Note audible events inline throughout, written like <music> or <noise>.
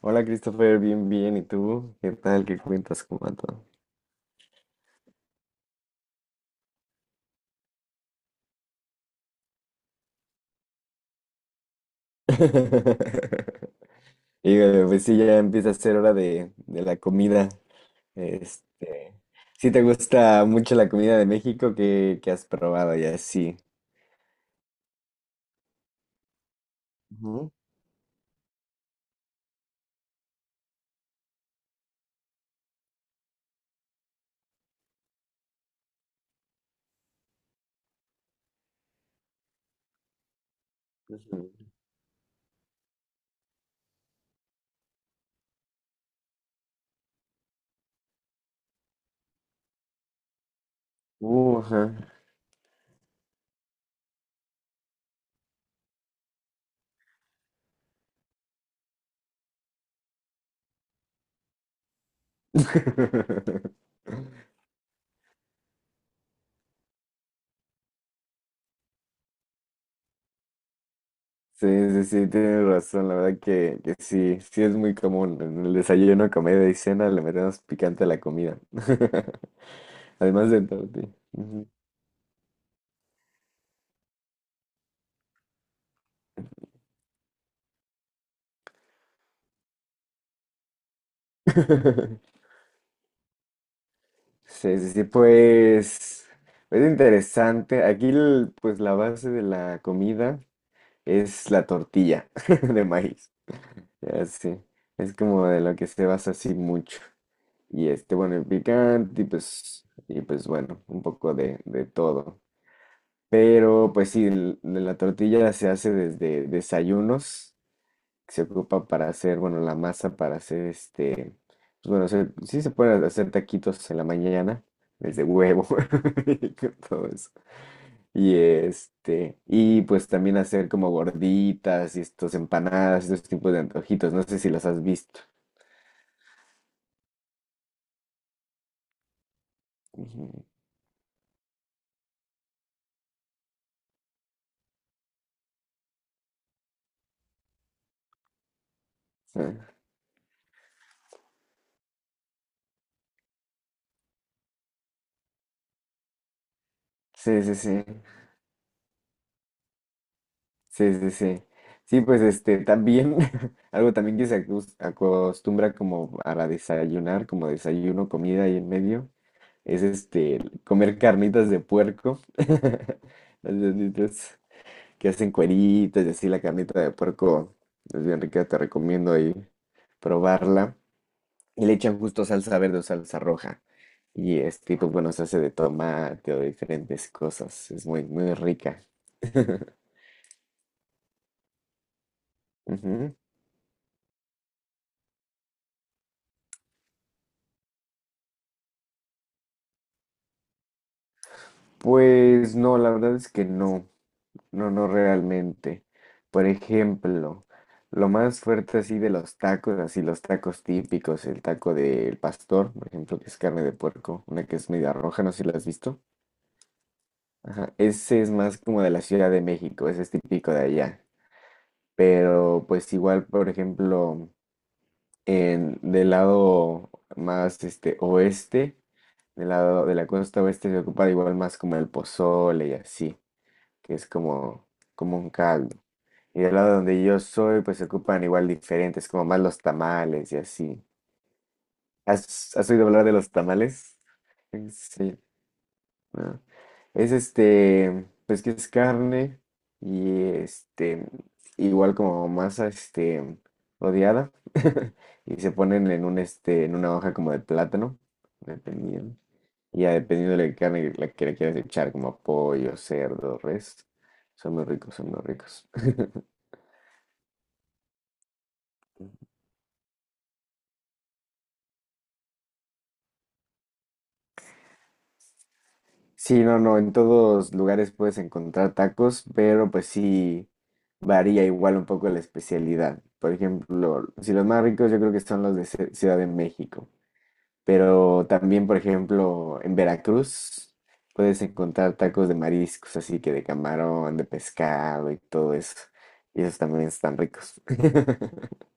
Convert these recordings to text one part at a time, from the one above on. Hola Christopher, bien, bien. ¿Y tú? ¿Qué tal? ¿Qué cuentas? ¿Cómo va todo? <laughs> Y pues sí, ya empieza a ser hora de la comida. Este, si te gusta mucho la comida de México, ¿qué has probado? Ya sí. Ujú, pues, ajá. <laughs> Sí, sí, sí, tienes razón. La verdad que sí, sí es muy común. En el desayuno, comida y cena le metemos picante a la comida. <laughs> Además de todo, sí. Ujú. <laughs> Sí, sí, sí, pues es interesante. Aquí, pues la base de la comida es la tortilla <laughs> de maíz. Así, es como de lo que se basa así mucho. Y bueno, el picante y pues bueno, un poco de todo. Pero pues sí, de la tortilla se hace desde desayunos que se ocupa para hacer, bueno, la masa para hacer pues bueno, sí se pueden hacer taquitos en la mañana, desde huevo, <laughs> y con todo eso. Y y pues también hacer como gorditas y estos empanadas, estos tipos de antojitos, no sé si los has visto. Ujú. Ah, sí, sí, sí, sí, sí, sí. Sí, pues también, <laughs> algo también que se acostumbra como para desayunar, como desayuno, comida y en medio. Es comer carnitas de puerco. <laughs> Las carnitas que hacen cueritas y así la carnita de puerco es bien rica, te recomiendo ahí probarla. Y le echan justo salsa verde o salsa roja. Y pues bueno, se hace de tomate o de diferentes cosas. Es muy, muy rica. <laughs> Ujú. Pues no, la verdad es que no. No, no realmente. Por ejemplo, lo más fuerte así de los tacos, así los tacos típicos, el taco del pastor, por ejemplo, que es carne de puerco, una que es media roja, no sé si la has visto. Ajá, ese es más como de la Ciudad de México, ese es típico de allá. Pero pues igual, por ejemplo, del lado más oeste, del lado de la costa oeste se ocupa igual más como el pozole y así, que es como un caldo. Y del lado donde yo soy, pues se ocupan igual diferentes, como más los tamales y así. ¿Has oído hablar de los tamales? Sí, ¿no? Es pues que es carne y igual como masa, odiada. <laughs> Y se ponen en en una hoja como de plátano, dependiendo. Y ya dependiendo de la carne que le quieras echar, como pollo, cerdo, res. Son muy ricos, son muy ricos. <laughs> Sí, no, no, en todos lugares puedes encontrar tacos, pero pues sí varía igual un poco la especialidad. Por ejemplo, si los más ricos yo creo que son los de Ciudad de México, pero también, por ejemplo, en Veracruz puedes encontrar tacos de mariscos, así que de camarón, de pescado y todo eso. Y esos también están ricos. <laughs>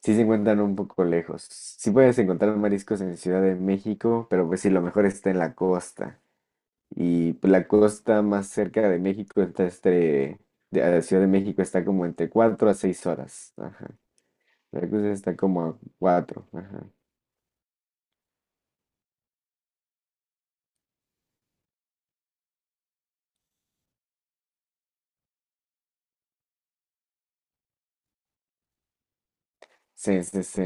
Sí se encuentran un poco lejos. Sí puedes encontrar mariscos en Ciudad de México, pero pues sí, lo mejor está en la costa. Y pues, la costa más cerca de México está de a la Ciudad de México está como entre 4 a 6 horas. Ajá. Veracruz está como a 4. Ajá. Sí, sí, sí.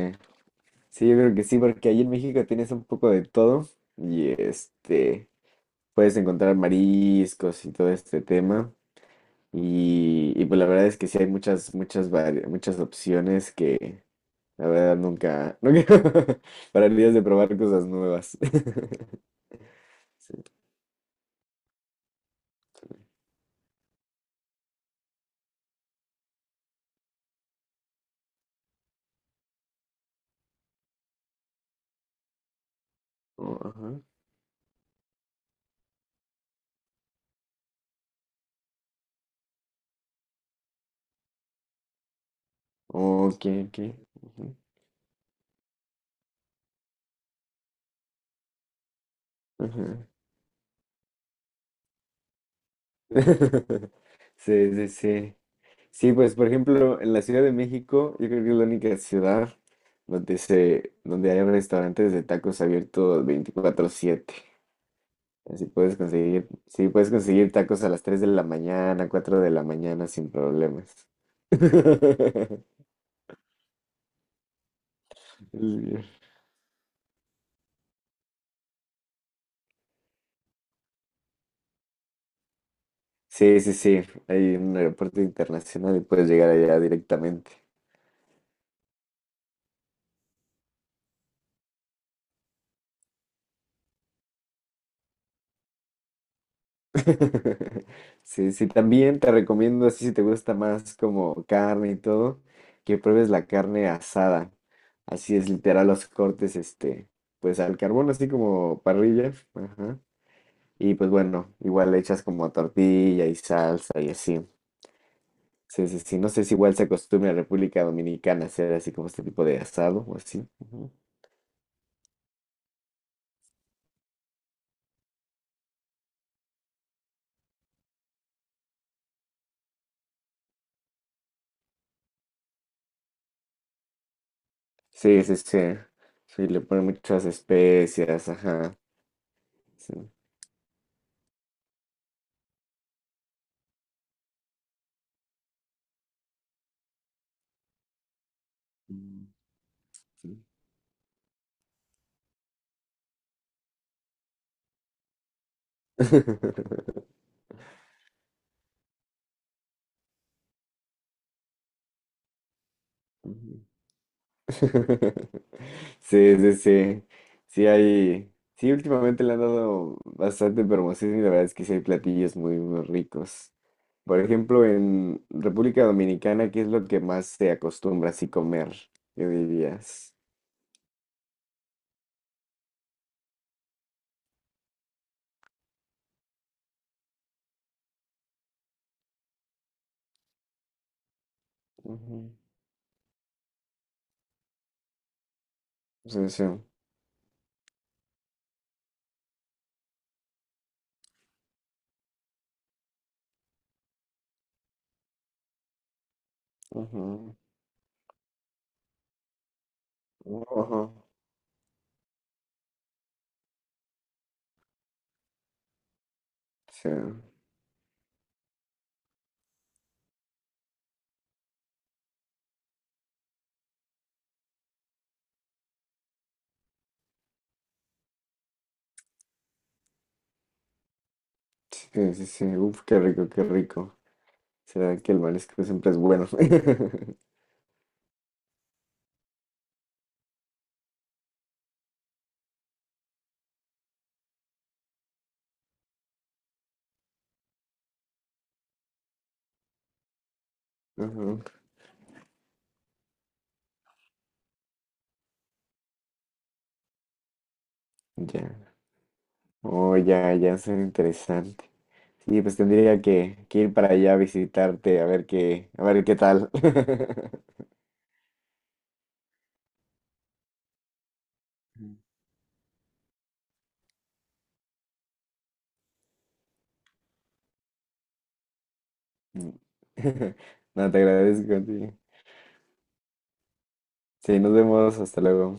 Sí, yo creo que sí, porque ahí en México tienes un poco de todo y puedes encontrar mariscos y todo este tema. Y pues la verdad es que sí hay muchas, muchas, muchas opciones que la verdad nunca, <laughs> nunca pararías de probar cosas nuevas. <laughs> Sí. Ajá. Ok, ok. Ujú, ajá. <laughs> Sí, sí, sí. Sí, pues por ejemplo, en la Ciudad de México, yo creo que es la única ciudad donde hay restaurantes de tacos abiertos 24/7. Así puedes conseguir, sí, puedes conseguir tacos a las 3 de la mañana, 4 de la mañana sin problemas. <laughs> Sí, sí, sí. Hay un aeropuerto internacional y puedes llegar allá directamente. <laughs> Sí, sí, también te recomiendo, así si te gusta más como carne y todo, que pruebes la carne asada. Así es, literal, los cortes, pues al carbón, así como parrilla. Ajá. Y pues bueno, igual le echas como tortilla y salsa y así. Sí, sí, sí. No sé si igual se acostumbra en República Dominicana hacer así como este tipo de asado o así. Ujú. Sí, sí, sí. Sí, le ponen muchas especias, ajá. Sí. Mm, sí. <laughs> Ujú. <laughs> Sí, sí, sí. Sí hay, sí, últimamente le han dado bastante promoción y la verdad es que sí hay platillos muy, muy ricos. Por ejemplo, en República Dominicana, ¿qué es lo que más se acostumbra así comer? ¿Qué dirías? Ujú. Sí, sí. Ujú. Ujú. Sí, sí, sí, sí. Uf, qué rico, qué rico. Será que el marisco siempre es bueno. <laughs> Ujú. Ya. Oh, ya, ya, suena interesante. Sí, pues tendría que ir para allá a visitarte, a ver qué tal. <laughs> Mm. <laughs> No, te agradezco, sí. Sí, nos vemos, hasta luego.